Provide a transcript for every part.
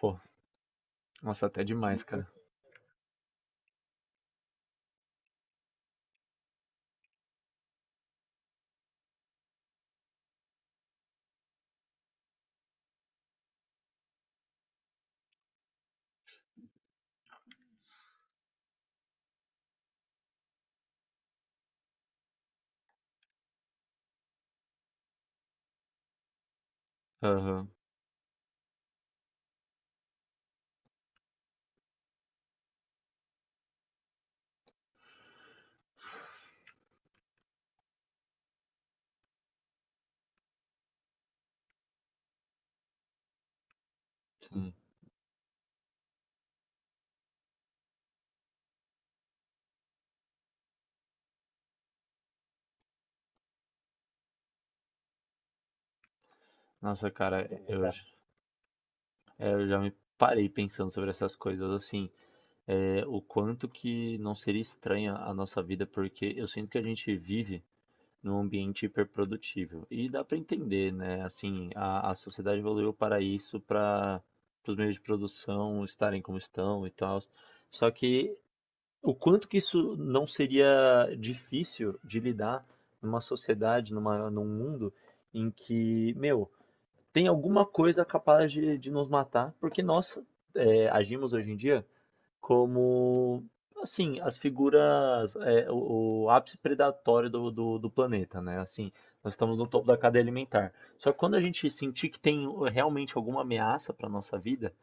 Pô, nossa, até demais, cara. Aham, sim. Nossa, cara, eu já me parei pensando sobre essas coisas, assim, o quanto que não seria estranha a nossa vida, porque eu sinto que a gente vive num ambiente hiperprodutível. E dá pra entender, né? Assim, a sociedade evoluiu para isso, para os meios de produção estarem como estão e tal. Só que o quanto que isso não seria difícil de lidar numa sociedade, num mundo em que, meu, tem alguma coisa capaz de nos matar, porque nós agimos hoje em dia como, assim, as figuras, o ápice predatório do planeta, né? Assim, nós estamos no topo da cadeia alimentar. Só que quando a gente sentir que tem realmente alguma ameaça para nossa vida,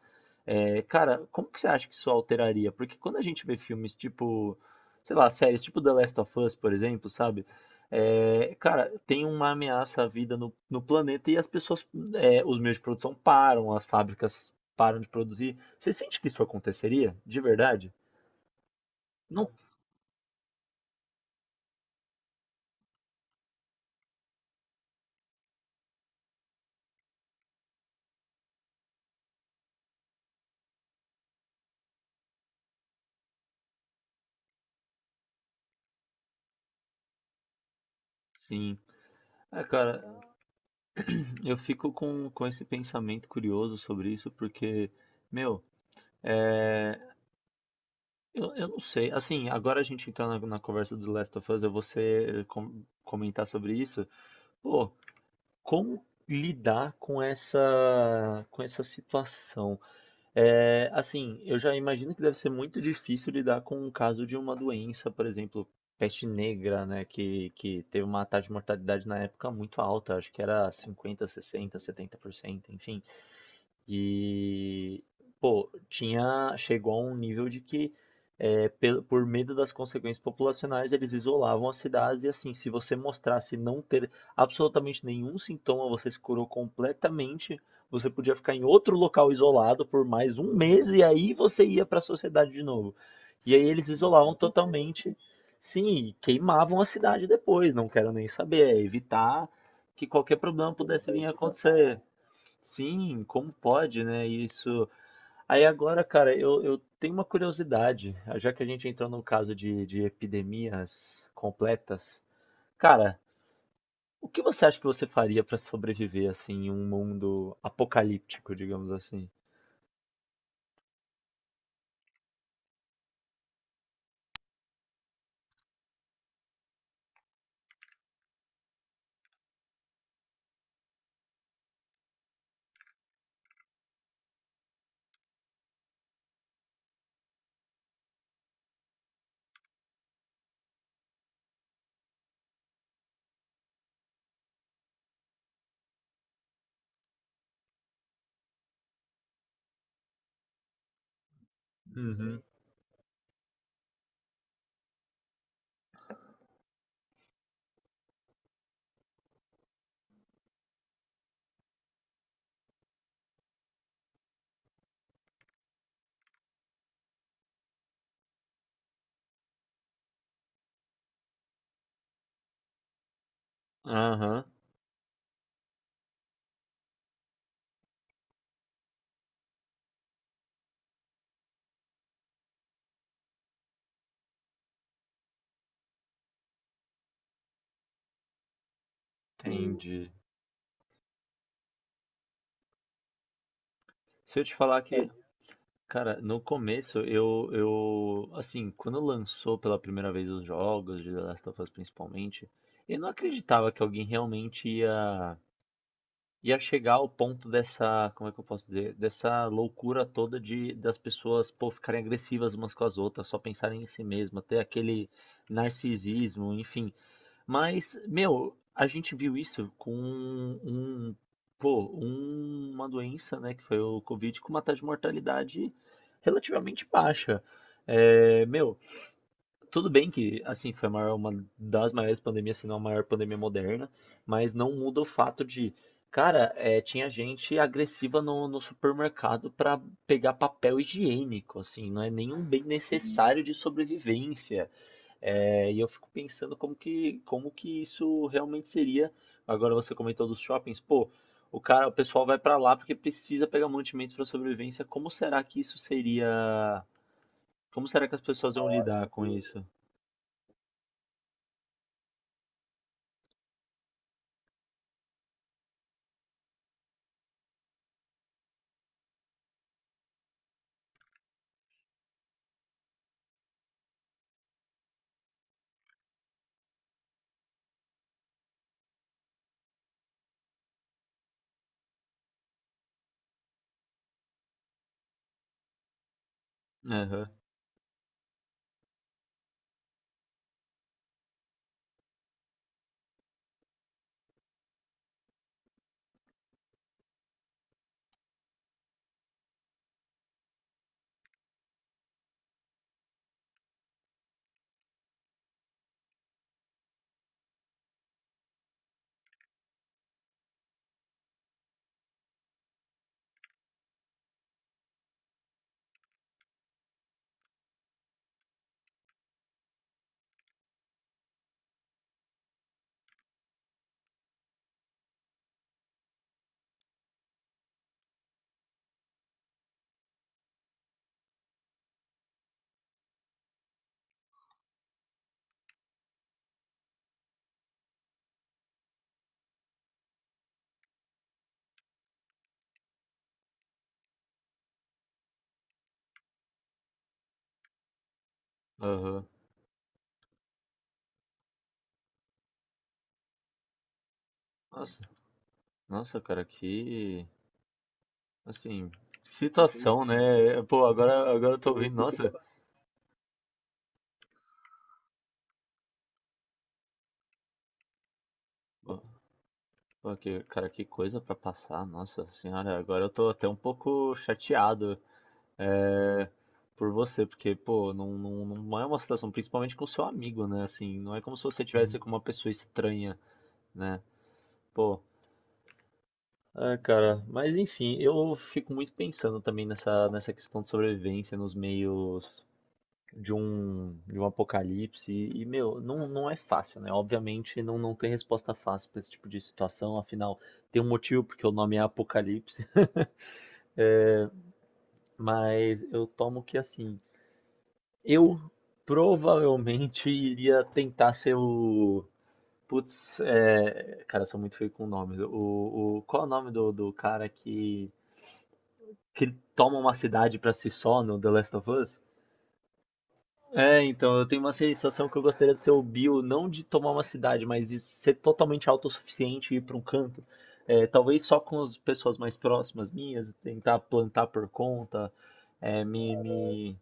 é, cara, como que você acha que isso alteraria? Porque quando a gente vê filmes tipo, sei lá, séries tipo The Last of Us, por exemplo, sabe? É, cara, tem uma ameaça à vida no, no planeta e as pessoas, é, os meios de produção param, as fábricas param de produzir. Você sente que isso aconteceria? De verdade? Não. Sim. É, cara, eu fico com esse pensamento curioso sobre isso, porque, meu, eu não sei. Assim, agora a gente entrando na, na conversa do Last of Us, eu vou comentar sobre isso. Pô, como lidar com essa situação? É, assim, eu já imagino que deve ser muito difícil lidar com o caso de uma doença, por exemplo, peste negra, né, que teve uma taxa de mortalidade na época muito alta, acho que era 50, 60, 70%, enfim. E, pô, tinha, chegou a um nível de que, pelo- por medo das consequências populacionais, eles isolavam as cidades e assim, se você mostrasse não ter absolutamente nenhum sintoma, você se curou completamente, você podia ficar em outro local isolado por mais um mês e aí você ia para a sociedade de novo. E aí eles isolavam totalmente, sim, e queimavam a cidade depois, não quero nem saber, é evitar que qualquer problema pudesse vir a acontecer. Sim, como pode, né? Isso. Aí agora, cara, eu tenho uma curiosidade, já que a gente entrou no caso de epidemias completas. Cara, o que você acha que você faria para sobreviver assim em um mundo apocalíptico, digamos assim? Uhum. Aham, entendi. Se eu te falar que, cara, no começo assim, quando lançou pela primeira vez os jogos de The Last of Us principalmente, eu não acreditava que alguém realmente ia. Ia chegar ao ponto dessa, como é que eu posso dizer, dessa loucura toda de das pessoas, pô, ficarem agressivas umas com as outras, só pensarem em si mesma, ter aquele narcisismo, enfim. Mas, meu, a gente viu isso com um, uma doença, né, que foi o Covid, com uma taxa de mortalidade relativamente baixa. É, meu, tudo bem que assim foi a uma das maiores pandemias, se não a maior pandemia moderna, mas não muda o fato de, cara, é, tinha gente agressiva no, no supermercado para pegar papel higiênico, assim, não é nenhum bem necessário de sobrevivência. É, e eu fico pensando como que isso realmente seria. Agora você comentou dos shoppings, pô, o cara, o pessoal vai para lá porque precisa pegar mantimentos para sobrevivência. Como será que isso seria? Como será que as pessoas vão lidar com isso? Aham. Aham. Nossa, nossa, cara, que assim, situação, né? É, pô, agora, agora eu tô ouvindo, nossa, pô, cara, que coisa pra passar, nossa senhora, agora eu tô até um pouco chateado, é, por você, porque, pô, não, não, não é uma situação, principalmente com seu amigo, né? Assim, não é como se você tivesse com uma pessoa estranha, né? Pô, é, cara, mas enfim, eu fico muito pensando também nessa, nessa questão de sobrevivência nos meios de um apocalipse. Meu, não, não é fácil, né? Obviamente não, não tem resposta fácil para esse tipo de situação, afinal, tem um motivo porque o nome é Apocalipse, mas eu tomo que assim, eu provavelmente iria tentar ser o. Putz, é... cara, eu sou muito feio com nomes. Qual é o nome do, do cara que toma uma cidade para si só no The Last of Us? É, então, eu tenho uma sensação que eu gostaria de ser o Bill, não de tomar uma cidade, mas de ser totalmente autossuficiente e ir para um canto. É, talvez só com as pessoas mais próximas minhas, tentar plantar por conta, é,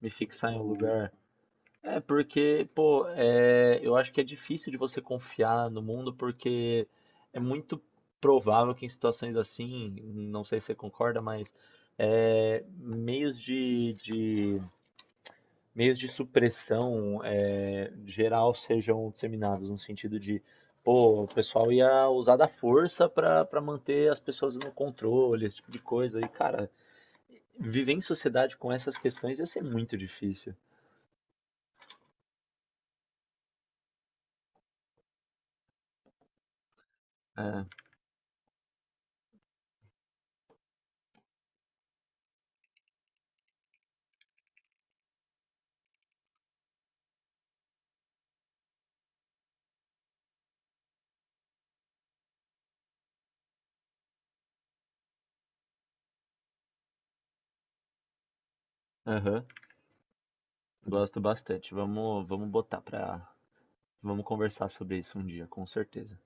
me fixar em um lugar. É, porque, pô, é, eu acho que é difícil de você confiar no mundo, porque é muito provável que em situações assim, não sei se você concorda, mas é, meios de meios de supressão é, geral sejam disseminados, no sentido de, pô, o pessoal ia usar da força para manter as pessoas no controle, esse tipo de coisa. E, cara, viver em sociedade com essas questões ia ser muito difícil. É, aham, gosto bastante. Vamos, vamos botar pra. Vamos conversar sobre isso um dia, com certeza.